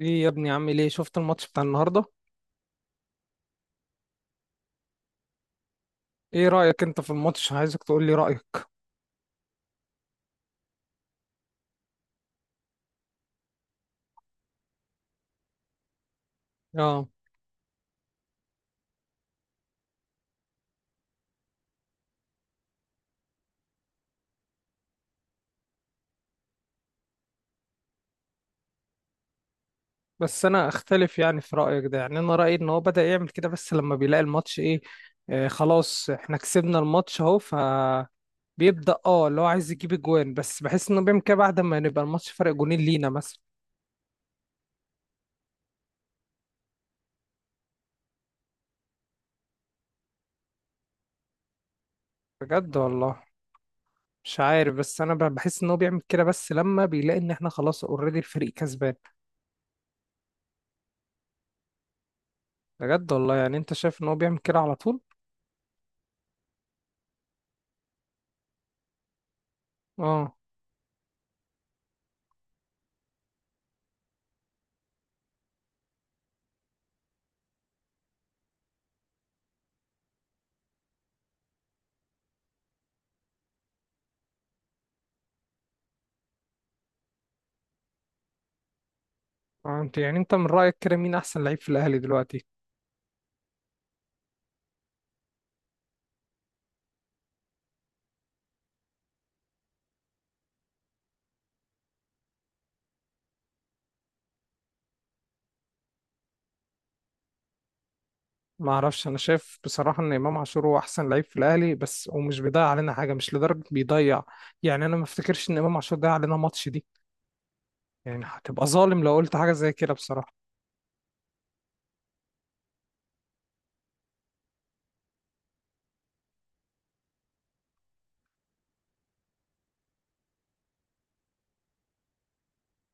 ايه يا ابني، عامل ايه؟ شفت الماتش بتاع النهارده؟ ايه رأيك انت في الماتش؟ عايزك تقول لي رأيك. اه، بس انا اختلف، يعني في رأيك ده. يعني انا رأيي ان هو بدأ يعمل كده بس لما بيلاقي الماتش ايه. آه خلاص، احنا كسبنا الماتش اهو فبيبدأ. اه، اللي هو عايز يجيب اجوان، بس بحس انه بيعمل كده بعد ما نبقى الماتش فرق جونين لينا مثلا. بجد والله. مش عارف، بس انا بحس ان هو بيعمل كده بس لما بيلاقي ان احنا خلاص اوريدي الفريق كسبان. بجد والله؟ يعني انت شايف ان هو بيعمل كده على طول. اه. انت يعني، انت من رأيك كده مين احسن لعيب في الاهلي دلوقتي؟ ما اعرفش، انا شايف بصراحة ان امام عاشور هو احسن لعيب في الاهلي بس، ومش بيضيع علينا حاجة، مش لدرجة بيضيع. يعني انا ما افتكرش ان امام عاشور ضيع علينا ماتش دي. يعني هتبقى ظالم لو قلت حاجة زي كده بصراحة.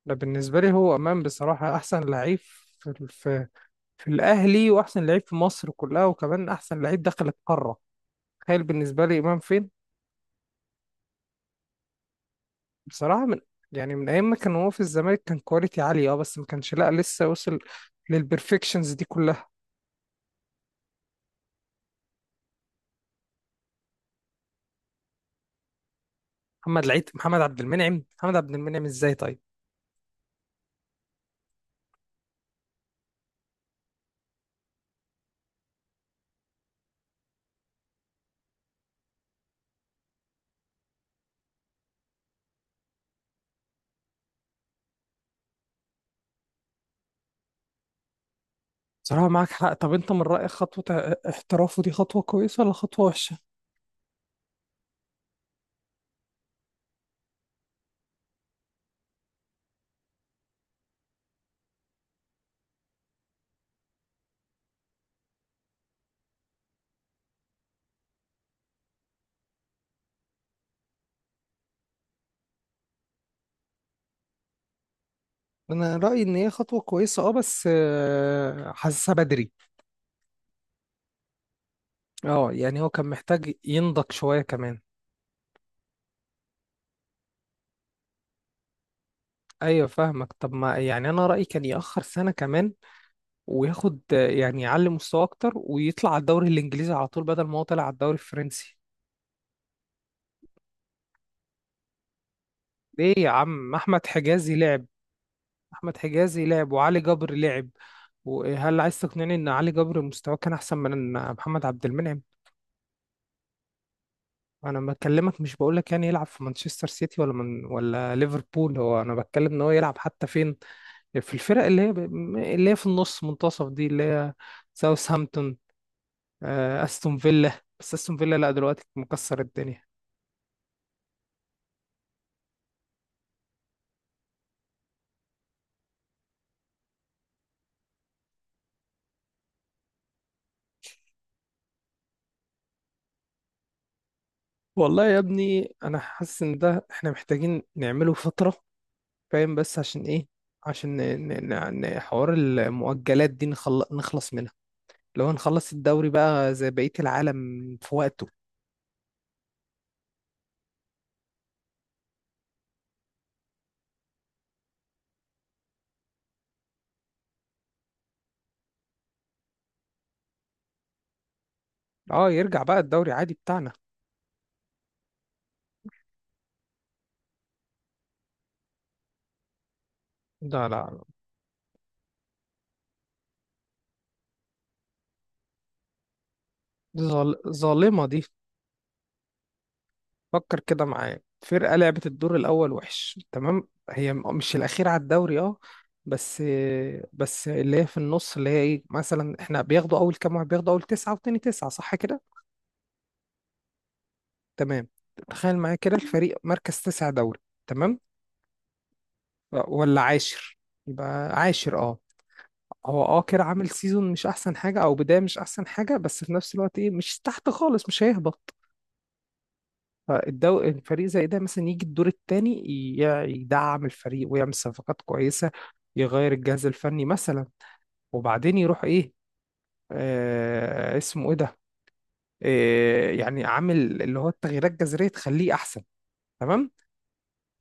لا، بالنسبة لي هو امام، بصراحة احسن لعيب في في الاهلي، واحسن لعيب في مصر كلها، وكمان احسن لعيب دخل القارة. تخيل بالنسبة لي امام فين. بصراحة من، يعني من ايام ما كان هو في الزمالك كان كواليتي عالية اه، بس ما كانش، لا لسه وصل للبرفكشنز دي كلها. محمد العيد، محمد عبد المنعم؟ محمد عبد المنعم ازاي طيب؟ صراحة معاك حق. طب انت من رأيك خطوة احترافه دي خطوة كويسة ولا خطوة وحشة؟ انا رأيي ان هي خطوة كويسة اه، بس آه، حاسسها بدري. اه يعني هو كان محتاج ينضج شوية كمان. ايوه فاهمك. طب ما يعني انا رأيي كان يأخر سنة كمان، وياخد آه، يعني يعلي مستوى اكتر ويطلع على الدوري الانجليزي على طول، بدل ما هو طلع على الدوري الفرنسي. ليه يا عم، احمد حجازي لعب. احمد حجازي لعب وعلي جبر لعب. وهل عايز تقنعني ان علي جبر مستواه كان احسن من محمد عبد المنعم؟ انا بكلمك مش بقول لك يعني يلعب في مانشستر سيتي ولا من ولا ليفربول، هو انا بتكلم ان هو يلعب حتى فين، في الفرق اللي هي، اللي هي في النص منتصف دي، اللي هي ساوثهامبتون، آه، استون فيلا. بس استون فيلا لا دلوقتي مكسر الدنيا. والله يا ابني انا حاسس ان ده احنا محتاجين نعمله فترة، فاهم؟ بس عشان ايه؟ عشان حوار المؤجلات دي نخلص منها. لو نخلص الدوري بقى زي بقية العالم في وقته. اه يرجع بقى الدوري عادي بتاعنا. لا لا، ظالمة دي. فكر كده معايا، فرقة لعبت الدور الأول وحش تمام، هي مش الأخير على الدوري اه، بس. بس اللي هي في النص، اللي هي ايه، مثلا احنا بياخدوا أول كام واحد، بياخدوا أول تسعة وتاني تسعة، صح كده؟ تمام. تخيل معايا كده الفريق مركز تسعة دوري، تمام، ولا عاشر. يبقى عاشر اه. هو اه كده عامل سيزون مش احسن حاجه او بدايه مش احسن حاجه، بس في نفس الوقت ايه، مش تحت خالص، مش هيهبط. فالدو الفريق زي ده مثلا يجي الدور الثاني، يدعم الفريق ويعمل صفقات كويسه، يغير الجهاز الفني مثلا، وبعدين يروح ايه، آه اسمه ايه ده، آه يعني عامل اللي هو التغييرات الجذريه تخليه احسن. تمام.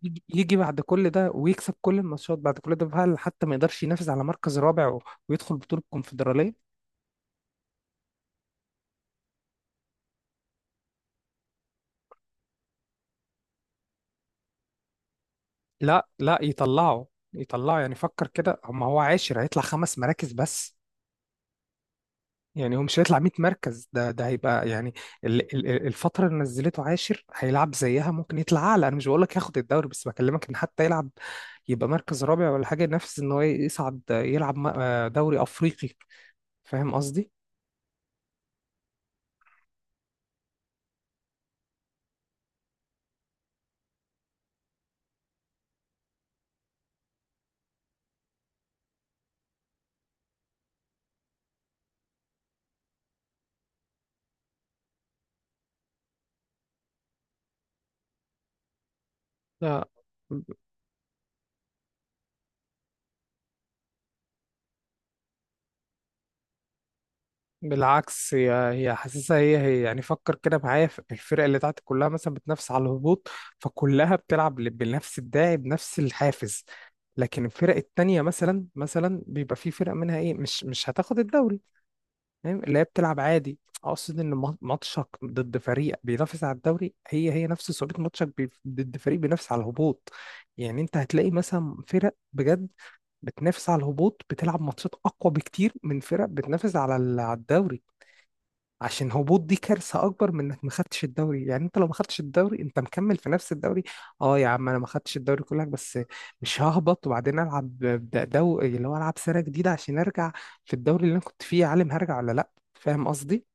يجي يجي بعد كل ده ويكسب كل الماتشات بعد كل ده، هل حتى ما يقدرش ينافس على مركز رابع و-، ويدخل بطولة الكونفدرالية؟ لا لا يطلعه، يطلعه. يعني فكر كده، هم هو عاشر هيطلع خمس مراكز بس. يعني هو مش هيطلع 100 مركز، ده هيبقى يعني الفترة اللي نزلته عاشر هيلعب زيها، ممكن يطلع اعلى. انا مش بقول لك ياخد الدوري، بس بكلمك ان حتى يلعب، يبقى مركز رابع ولا حاجة، ينافس ان هو يصعد يلعب آه دوري افريقي. فاهم قصدي؟ لا بالعكس، هي حاسسها. هي يعني، فكر كده معايا، في الفرق اللي تحت كلها مثلا بتنافس على الهبوط، فكلها بتلعب بنفس الداعي بنفس الحافز. لكن الفرق التانية مثلا، مثلا بيبقى في فرق منها ايه، مش مش هتاخد الدوري فاهم، اللي هي بتلعب عادي. اقصد ان ماتشك ضد فريق بينافس على الدوري هي نفس صعوبة ماتشك ضد فريق بينافس على الهبوط. يعني انت هتلاقي مثلا فرق بجد بتنافس على الهبوط بتلعب ماتشات اقوى بكتير من فرق بتنافس على على الدوري. عشان هبوط دي كارثه اكبر من انك ما خدتش الدوري. يعني انت لو ما خدتش الدوري انت مكمل في نفس الدوري. اه يا عم، انا ما خدتش الدوري كلك بس، مش ههبط. وبعدين العب دو اللي هو، العب سيره جديده عشان ارجع في الدوري اللي انا كنت فيه يا عالم، هرجع ولا لا. فاهم قصدي؟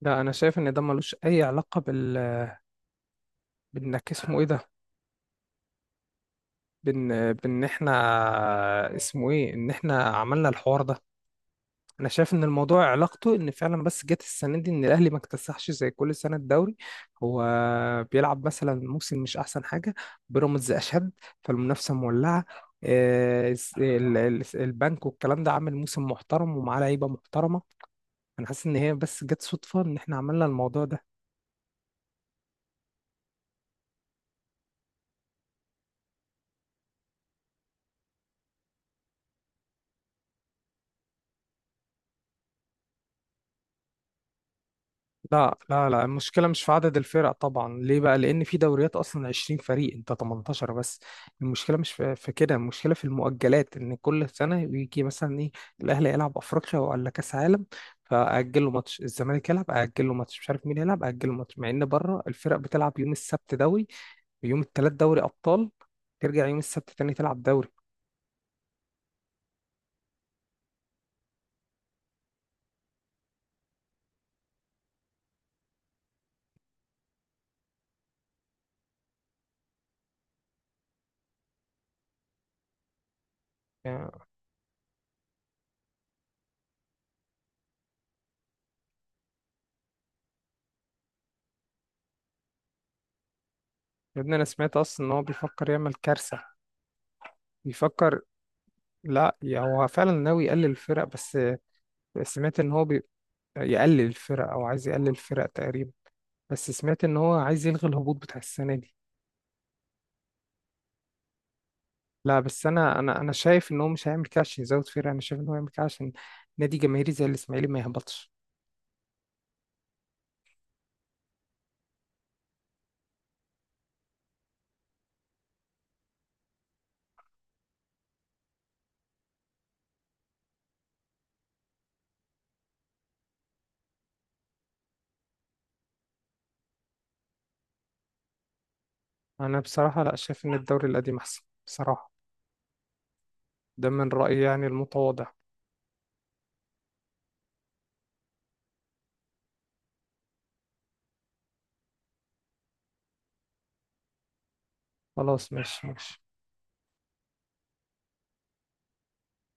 لا، انا شايف ان ده ملوش اي علاقه بال، بانك اسمه ايه ده، بان احنا اسمه ايه ان احنا عملنا الحوار ده. انا شايف ان الموضوع علاقته ان فعلا بس جت السنه دي ان الاهلي ما اكتسحش زي كل سنه الدوري. هو بيلعب مثلا موسم مش احسن حاجه، بيراميدز اشد، فالمنافسه مولعه. آه، البنك والكلام ده عامل موسم محترم ومعاه لعيبه محترمه. انا حاسس ان هي بس جت صدفه ان احنا عملنا الموضوع ده. لا لا لا، المشكلة مش في عدد الفرق طبعا. ليه بقى؟ لأن في دوريات أصلا 20 فريق، أنت 18 بس. المشكلة مش في كده، المشكلة في المؤجلات، إن كل سنة يجي مثلا إيه، الأهلي يلعب أفريقيا ولا كأس عالم، فأجل له ماتش، الزمالك يلعب أجل له ماتش، مش عارف مين يلعب أجل له ماتش، مع إن بره الفرق بتلعب يوم السبت دوري، ويوم التلات دوري أبطال، ترجع يوم السبت تاني تلعب دوري. يا يا ابني أنا سمعت أصلا إن هو بيفكر يعمل كارثة. بيفكر، لا يا، هو فعلا ناوي يقلل الفرق بس. سمعت ان هو يقلل الفرق، او عايز يقلل الفرق تقريبا. بس سمعت ان هو عايز يلغي الهبوط بتاع السنه دي. لا بس انا، انا شايف ان هو مش هيعمل كده عشان يزود فرق. انا شايف ان هو هيعمل كده عشان نادي جماهيري زي الاسماعيلي ما يهبطش. انا بصراحه لا شايف ان الدوري القديم احسن بصراحه. ده من رايي يعني المتواضع. خلاص ماشي ماشي.